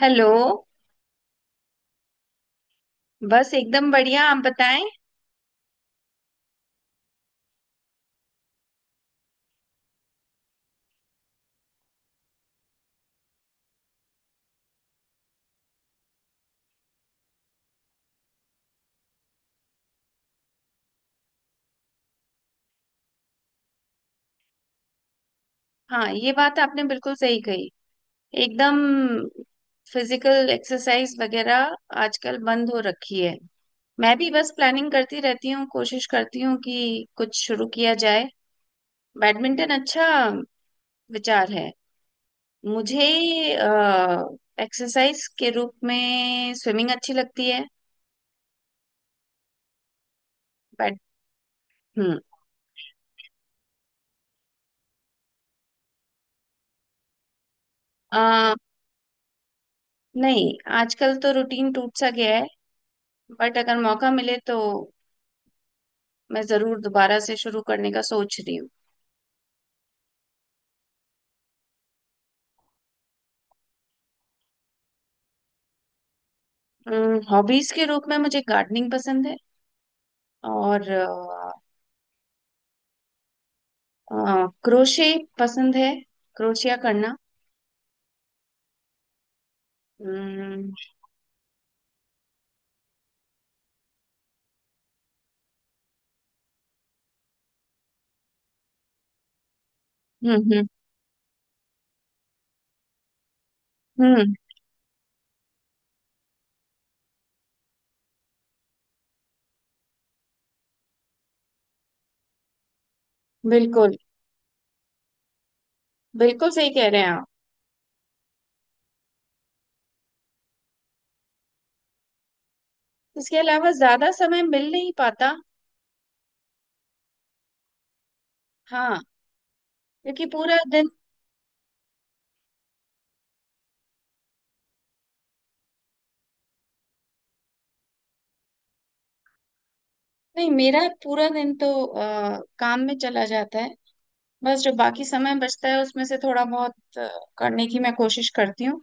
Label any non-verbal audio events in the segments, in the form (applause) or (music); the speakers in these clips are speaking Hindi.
हेलो। बस एकदम बढ़िया, आप बताएं। हाँ, ये बात आपने बिल्कुल सही कही। एकदम। फिजिकल एक्सरसाइज वगैरह आजकल बंद हो रखी है। मैं भी बस प्लानिंग करती रहती हूँ, कोशिश करती हूँ कि कुछ शुरू किया जाए। बैडमिंटन अच्छा विचार है। मुझे एक्सरसाइज के रूप में स्विमिंग अच्छी लगती है, बट। हम्म। अ, नहीं, आजकल तो रूटीन टूट सा गया है। बट अगर मौका मिले तो मैं जरूर दोबारा से शुरू करने का सोच रही हूँ। हॉबीज के रूप में मुझे गार्डनिंग पसंद है। और क्रोशे पसंद है, क्रोशिया करना। हम्म हम्म। हम्म, बिल्कुल। बिल्कुल सही कह रहे हैं आप। इसके अलावा ज्यादा समय मिल नहीं पाता। हाँ, क्योंकि पूरा दिन। नहीं, मेरा पूरा दिन तो काम में चला जाता है। बस जो बाकी समय बचता है उसमें से थोड़ा बहुत करने की मैं कोशिश करती हूँ।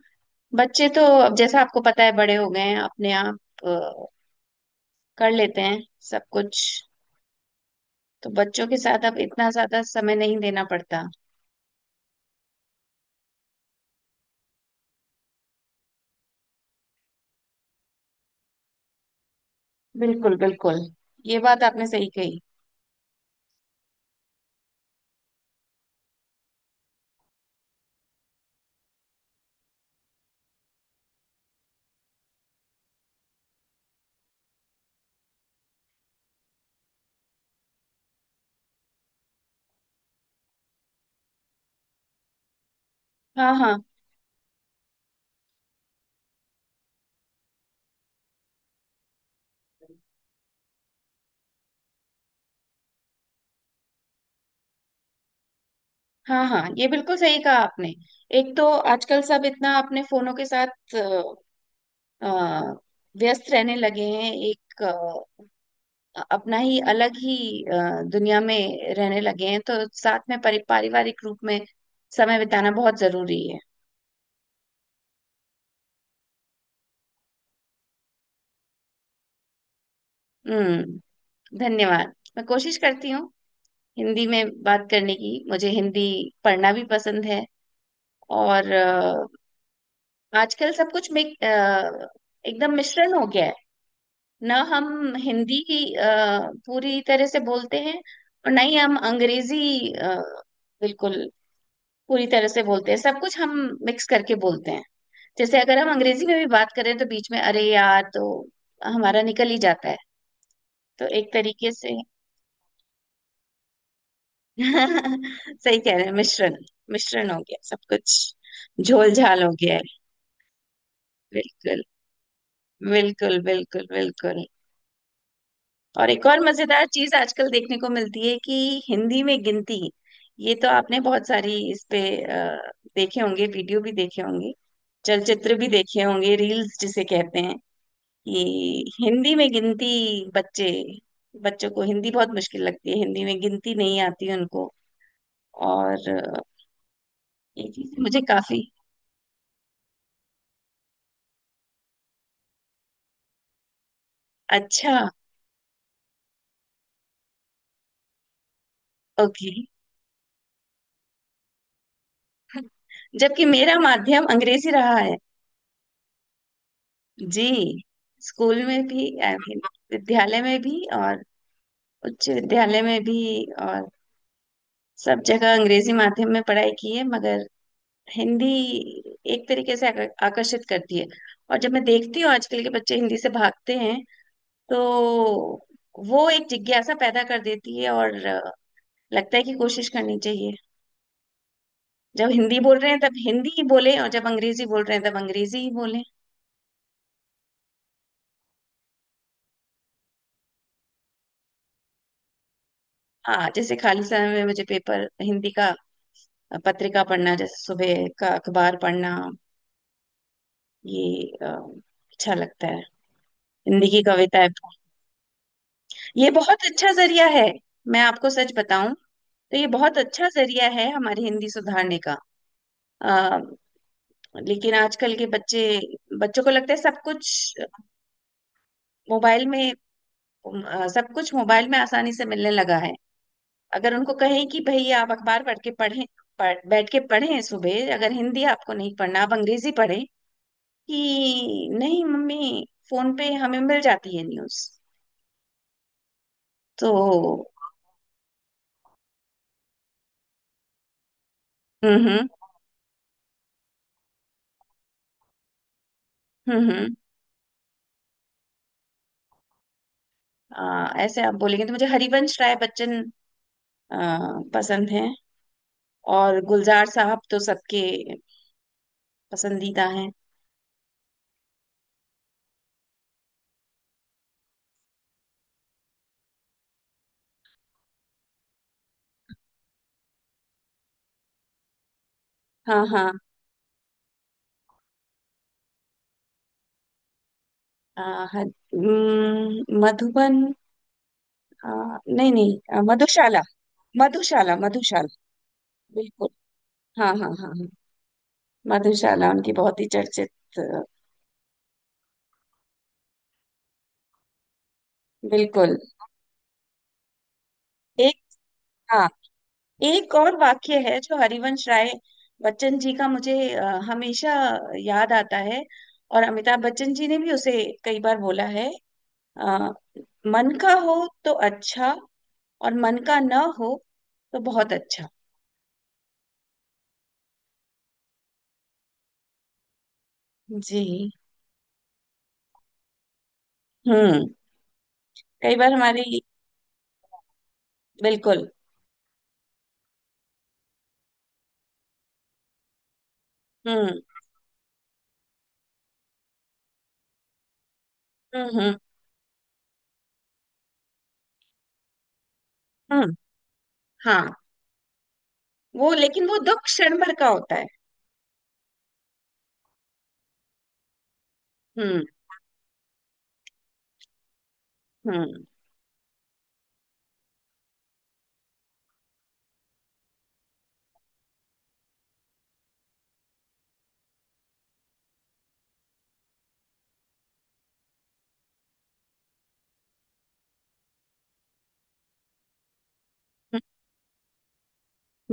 बच्चे तो अब जैसा आपको पता है बड़े हो गए हैं, अपने आप अ, कर लेते हैं सब कुछ। तो बच्चों के साथ अब इतना ज्यादा समय नहीं देना पड़ता। बिल्कुल बिल्कुल, ये बात आपने सही कही। हाँ हाँ हाँ हाँ, ये बिल्कुल सही कहा आपने। एक तो आजकल सब इतना अपने फोनों के साथ अ, व्यस्त रहने लगे हैं। एक अपना ही अलग ही अ, दुनिया में रहने लगे हैं। तो साथ में परि पारिवारिक रूप में समय बिताना बहुत जरूरी है। हम्म। धन्यवाद, मैं कोशिश करती हूँ हिंदी में बात करने की। मुझे हिंदी पढ़ना भी पसंद है। और आजकल सब कुछ में एकदम मिश्रण हो गया है। ना हम हिंदी पूरी तरह से बोलते हैं और ना ही हम अंग्रेजी बिल्कुल पूरी तरह से बोलते हैं। सब कुछ हम मिक्स करके बोलते हैं। जैसे अगर हम अंग्रेजी में भी बात करें तो बीच में अरे यार तो हमारा निकल ही जाता है। तो एक तरीके से (laughs) सही कह रहे हैं, मिश्रण। मिश्रण हो गया सब कुछ। झोल झाल हो गया है। बिल्कुल बिल्कुल बिल्कुल बिल्कुल। और एक और मजेदार चीज आजकल देखने को मिलती है कि हिंदी में गिनती। ये तो आपने बहुत सारी इस पे देखे होंगे, वीडियो भी देखे होंगे, चलचित्र भी देखे होंगे, रील्स जिसे कहते हैं, कि हिंदी में गिनती बच्चे बच्चों को हिंदी बहुत मुश्किल लगती है। हिंदी में गिनती नहीं आती उनको। और ये चीज मुझे काफी अच्छा। ओके। जबकि मेरा माध्यम अंग्रेजी रहा है जी। स्कूल में भी, आई मीन, विद्यालय में भी और उच्च विद्यालय में भी। और सब जगह अंग्रेजी माध्यम में पढ़ाई की है, मगर हिंदी एक तरीके से आकर्षित करती है। और जब मैं देखती हूँ आजकल के बच्चे हिंदी से भागते हैं, तो वो एक जिज्ञासा पैदा कर देती है। और लगता है कि कोशिश करनी चाहिए। जब हिंदी बोल रहे हैं तब हिंदी ही बोले, और जब अंग्रेजी बोल रहे हैं तब अंग्रेजी ही बोले। हाँ, जैसे खाली समय में मुझे पेपर हिंदी का, पत्रिका पढ़ना, जैसे सुबह का अखबार पढ़ना, ये अ, अच्छा लगता है। हिंदी की कविताएं ये बहुत अच्छा जरिया है। मैं आपको सच बताऊं तो ये बहुत अच्छा जरिया है हमारी हिंदी सुधारने का। आ, लेकिन आजकल के बच्चे, बच्चों को लगता है सब कुछ मोबाइल में सब कुछ मोबाइल में आसानी से मिलने लगा है। अगर उनको कहें कि भैया आप अखबार पढ़ के पढ़ें, बैठ के पढ़ें सुबह, अगर हिंदी आपको नहीं पढ़ना आप अंग्रेजी पढ़ें, कि नहीं मम्मी, फोन पे हमें मिल जाती है न्यूज। तो हम्म। हम्म हम्म, ऐसे आप बोलेंगे तो मुझे हरिवंश राय बच्चन आ, पसंद है। और गुलजार साहब तो सबके पसंदीदा हैं। हाँ हाँ। आ, हर- मधुबन, आ, नहीं नहीं, मधुशाला। मधुशाला मधुशाला। बिल्कुल। हाँ हाँ हाँ हाँ, मधुशाला उनकी बहुत ही चर्चित। आ, बिल्कुल। एक, हाँ, एक और वाक्य है जो हरिवंश राय बच्चन जी का मुझे हमेशा याद आता है। और अमिताभ बच्चन जी ने भी उसे कई बार बोला है। अ, मन का हो तो अच्छा, और मन का ना हो तो बहुत अच्छा। जी। हम्म। कई बार हमारी बिल्कुल। हम्म हम्म। हम्म। हाँ, वो लेकिन वो दुख क्षण भर का होता है। हम्म हम्म। हम्म,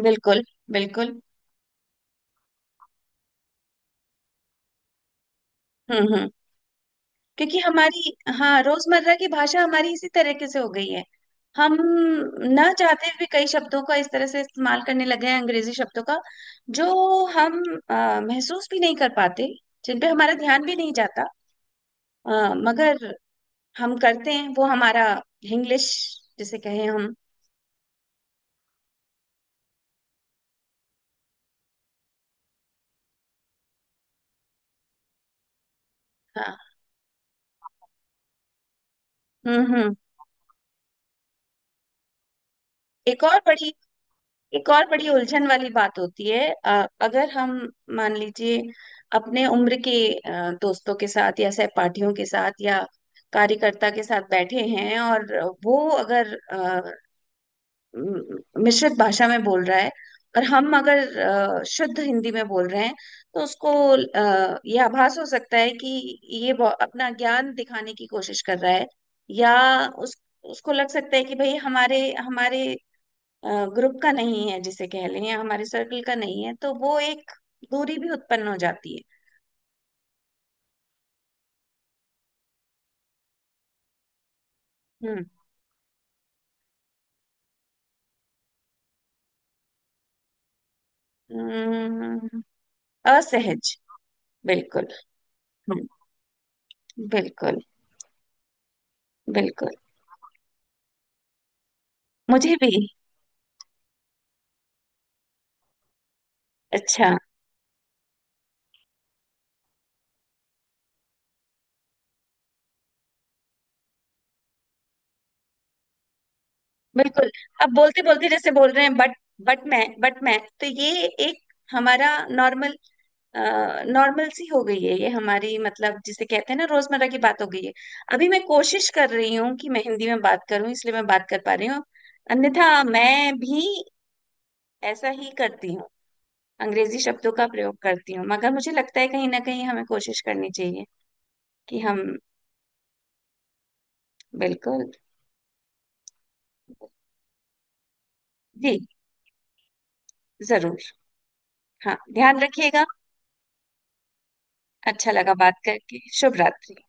बिल्कुल बिल्कुल। हम्म। क्योंकि हमारी, हाँ, रोजमर्रा की भाषा हमारी इसी तरीके से हो गई है। हम ना चाहते हुए कई शब्दों का इस तरह से इस्तेमाल करने लगे हैं, अंग्रेजी शब्दों का, जो हम अ, महसूस भी नहीं कर पाते, जिन पे हमारा ध्यान भी नहीं जाता। मगर हम करते हैं, वो हमारा इंग्लिश जिसे कहें हम। हाँ। हम्म। एक और बड़ी, एक और बड़ी उलझन वाली बात होती है अगर हम, मान लीजिए, अपने उम्र के दोस्तों के साथ या सहपाठियों के साथ या कार्यकर्ता के साथ बैठे हैं, और वो अगर म- मिश्रित भाषा में बोल रहा है, और हम अगर शुद्ध हिंदी में बोल रहे हैं, तो उसको यह आभास हो सकता है कि ये अपना ज्ञान दिखाने की कोशिश कर रहा है, या उस उसको लग सकता है कि भाई हमारे हमारे ग्रुप का नहीं है जिसे कह लें, या हमारे सर्कल का नहीं है, तो वो एक दूरी भी उत्पन्न हो जाती है। हम्म हम्म, असहज। बिल्कुल। हम्म, बिल्कुल बिल्कुल। मुझे भी अच्छा। बिल्कुल। अब बोलते बोलते जैसे बोल रहे हैं बट, बट मैं तो, ये एक हमारा नॉर्मल, नॉर्मल सी हो गई है ये हमारी, मतलब जिसे कहते हैं ना रोजमर्रा की बात हो गई है। अभी मैं कोशिश कर रही हूँ कि मैं हिंदी में बात करूं, इसलिए मैं बात कर पा रही हूँ। अन्यथा मैं भी ऐसा ही करती हूँ, अंग्रेजी शब्दों का प्रयोग करती हूँ, मगर मुझे लगता है कहीं ना कहीं हमें कोशिश करनी चाहिए कि हम, बिल्कुल। जी, जरूर। हाँ, ध्यान रखिएगा। अच्छा लगा बात करके। शुभ रात्रि।